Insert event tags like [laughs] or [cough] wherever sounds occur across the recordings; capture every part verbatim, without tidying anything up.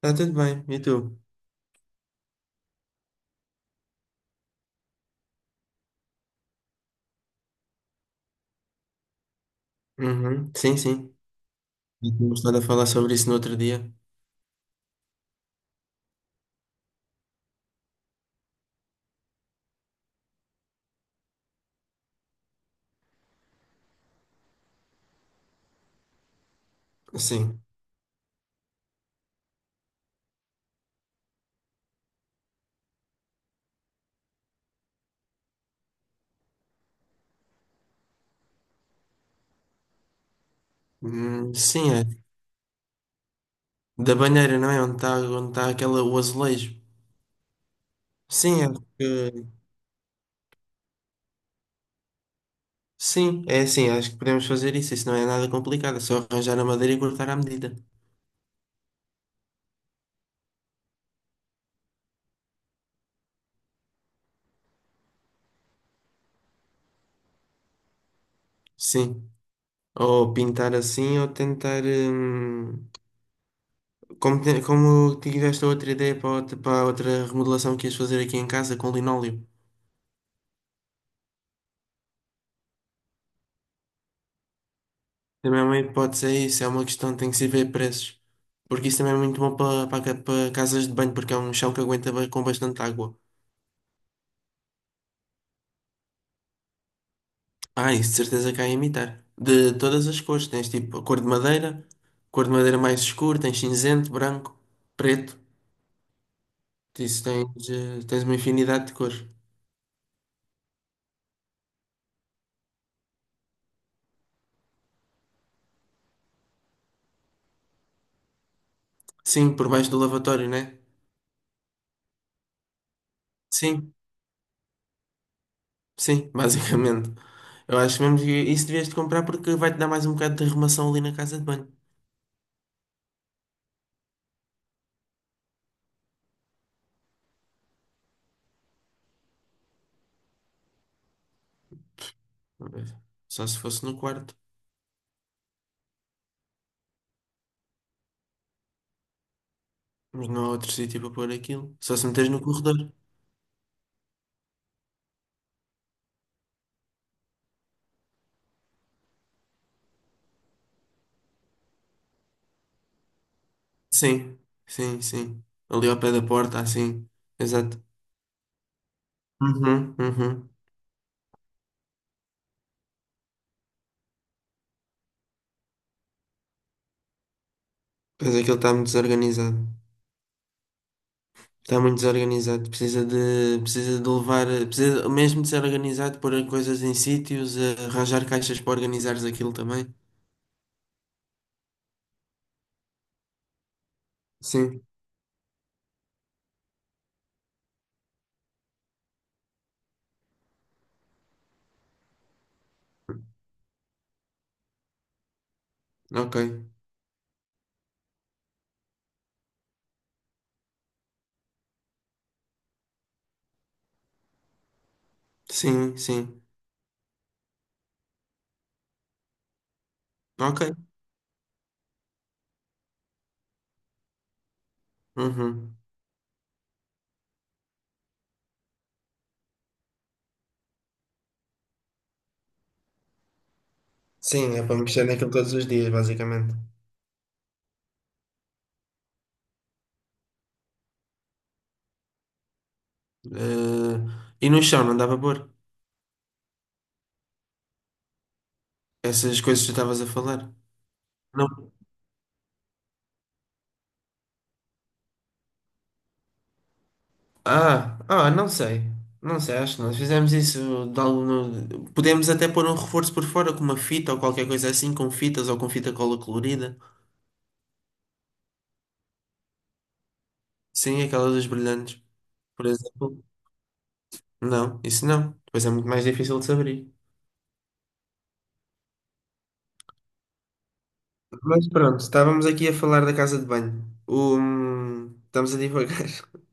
Tá tudo bem, e tu? Uhum, sim, sim. E tínhamos estado a falar sobre isso no outro dia. Sim. Hum, sim, é. Da banheira, não é? Onde está onde tá aquela, o azulejo. Sim, acho que. Sim, é assim, acho que podemos fazer isso. Isso não é nada complicado, é só arranjar a madeira e cortar à medida. Sim. Ou pintar assim, ou tentar. Hum, como, te- como tiveste a outra ideia para outra, para a outra remodelação que ias fazer aqui em casa com linóleo. Também é uma hipótese, é isso, é uma questão, tem que se ver preços. Porque isso também é muito bom para, para, ca- para casas de banho, porque é um chão que aguenta ba- com bastante água. Ah, isso de certeza que há a imitar. De todas as cores, tens tipo a cor de madeira, cor de madeira mais escura, tens cinzento, branco, preto. Isso tens, eh, tens uma infinidade de cores. Sim, por baixo do lavatório, né? Sim, sim, [laughs] basicamente. Eu acho mesmo que isso devias de comprar porque vai-te dar mais um bocado de arrumação ali na casa de banho. Só se fosse no quarto. Mas não há outro sítio para pôr aquilo. Só se meteres no corredor. Sim, sim, sim. Ali ao pé da porta, assim. Exato. Uhum, uhum. Pois aquilo está muito desorganizado. Está muito desorganizado. Precisa de, precisa de levar. Precisa mesmo de ser organizado, pôr coisas em sítios, eh, arranjar caixas para organizares aquilo também. Sim, ok. Sim, sim. Ok. Uhum. Sim, é para mexer naquilo todos os dias, basicamente. Eh, e no chão, não dava para pôr. Essas coisas que tu estavas a falar. Ah, ah, não sei. Não sei, acho que nós fizemos isso de algum... Podemos até pôr um reforço por fora com uma fita ou qualquer coisa assim, com fitas ou com fita cola colorida. Sim, aquela dos brilhantes, por exemplo. Não, isso não. Depois é muito mais difícil de se abrir. Mas pronto, estávamos aqui a falar da casa de banho. O... Estamos a divagar. [laughs]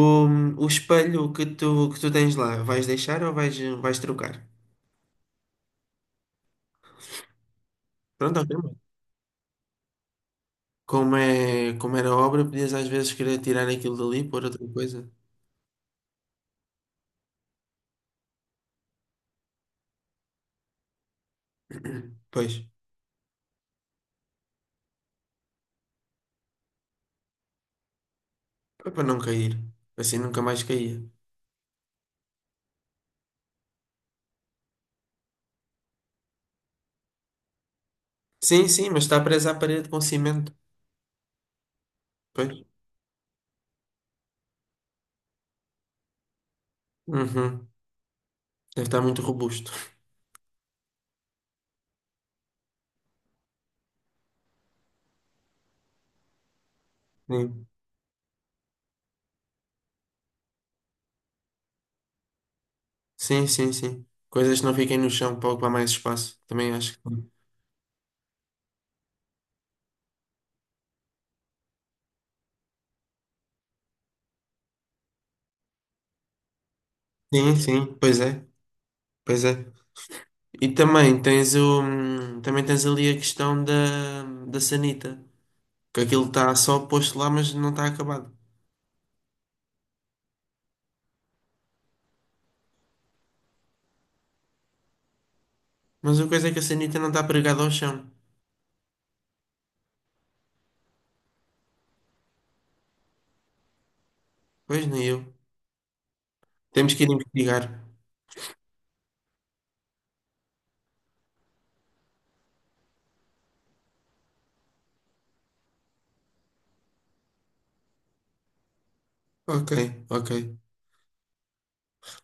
O, o espelho que tu, que tu tens lá, vais deixar ou vais, vais trocar? Pronto, ok, mano. Como é, como era a obra, podias às vezes querer tirar aquilo dali, pôr outra coisa. Pois, foi para não cair. Assim nunca mais caía. Sim, sim, mas está presa à parede com cimento. Pois. Uhum. Deve estar muito robusto. Sim, sim, sim, sim. Coisas que não fiquem no chão para ocupar mais espaço. Também acho que. Sim, sim, pois é, pois é. E também tens o. hum, Também tens ali a questão da, da sanita. Que aquilo está só posto lá, mas não está acabado. Mas a coisa é que a sanita não está pregada ao chão. Pois nem eu. Temos que ir investigar. Ok, ok.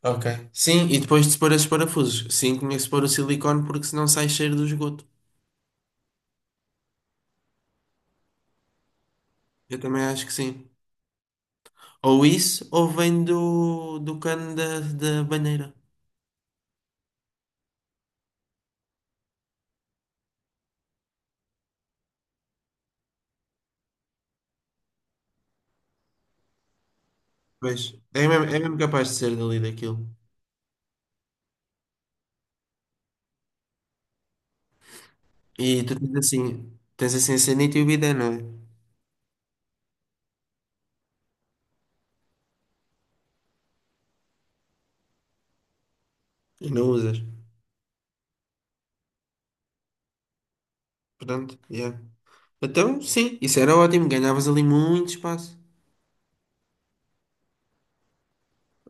Ok. Sim, e depois de se pôr esses parafusos. Sim, tinha que se pôr o silicone porque senão sai cheiro do esgoto. Eu também acho que sim. Ou isso, ou vem do, do cano da, da banheira. Pois, é mesmo, é mesmo capaz de ser dali daquilo. E tu tens assim, tens assim a sanita e o bidé, não é? E não usas. Pronto, yeah. Então, sim, isso era ótimo, ganhavas ali muito espaço.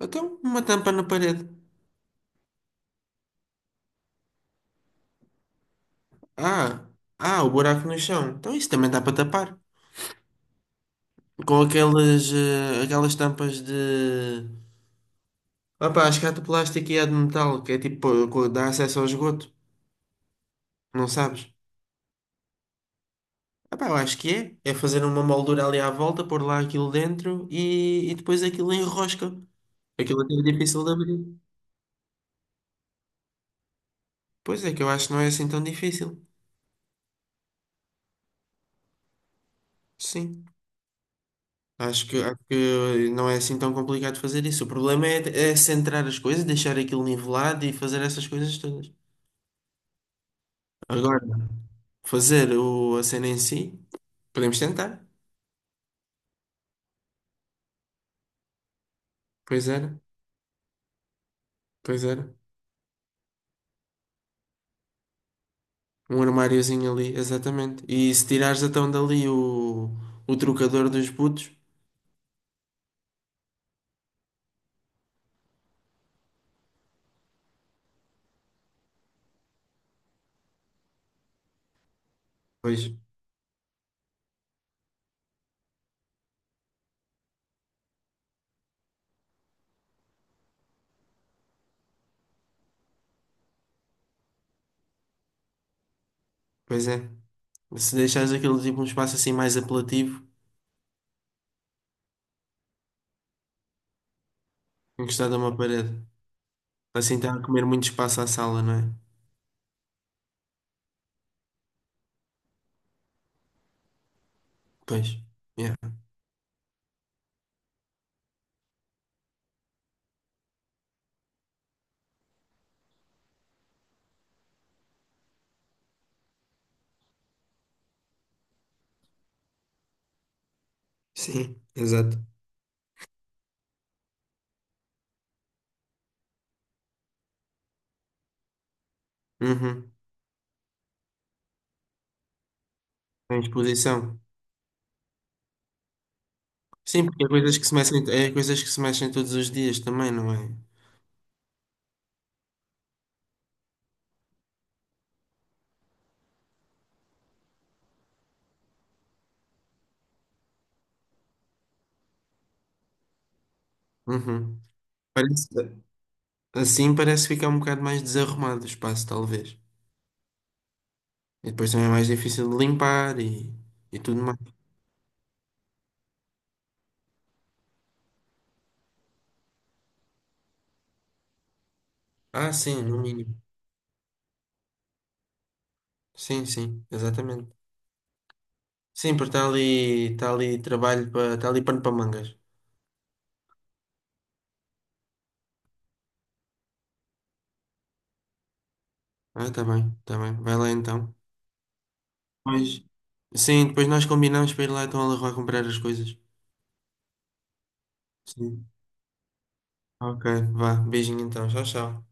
Então, uma tampa na parede. Ah, ah, o buraco no chão. Então, isso também dá para tapar. Com aquelas, eh, aquelas tampas de. Opa, acho que há de plástico e há de metal, que é tipo, co- dá acesso ao esgoto, não sabes? Opa, eu acho que é. É fazer uma moldura ali à volta, pôr lá aquilo dentro e, e depois aquilo enrosca. Aquilo até é difícil de abrir. Pois é, que eu acho que não é assim tão difícil. Sim. Acho que, acho que não é assim tão complicado fazer isso. O problema é, é centrar as coisas, deixar aquilo nivelado e fazer essas coisas todas. Agora, fazer o, a cena em si, podemos tentar. Pois era, pois era. Um armáriozinho ali, exatamente. E se tirares então dali o, o trocador dos putos, pois, pois é. Se deixares aquele tipo um espaço assim mais apelativo, encostado a uma parede. Assim está a comer muito espaço à sala, não é? Pois. Yeah. Sim, exato. Uhum. Em exposição. Sim, porque é coisas que se mexem, é coisas que se mexem todos os dias também, não é? Uhum. Parece, assim parece ficar um bocado mais desarrumado o espaço, talvez. E depois também é mais difícil de limpar e, e tudo mais. Ah, sim, no mínimo. Sim, sim, exatamente. Sim, porque está ali, está ali trabalho para, está ali pano para mangas. Ah, tá bem, tá bem. Vai lá então. Pois, sim, depois nós combinamos para ir lá então ela vai comprar as coisas. Sim. Ok, vá. Beijinho então. Tchau, tchau.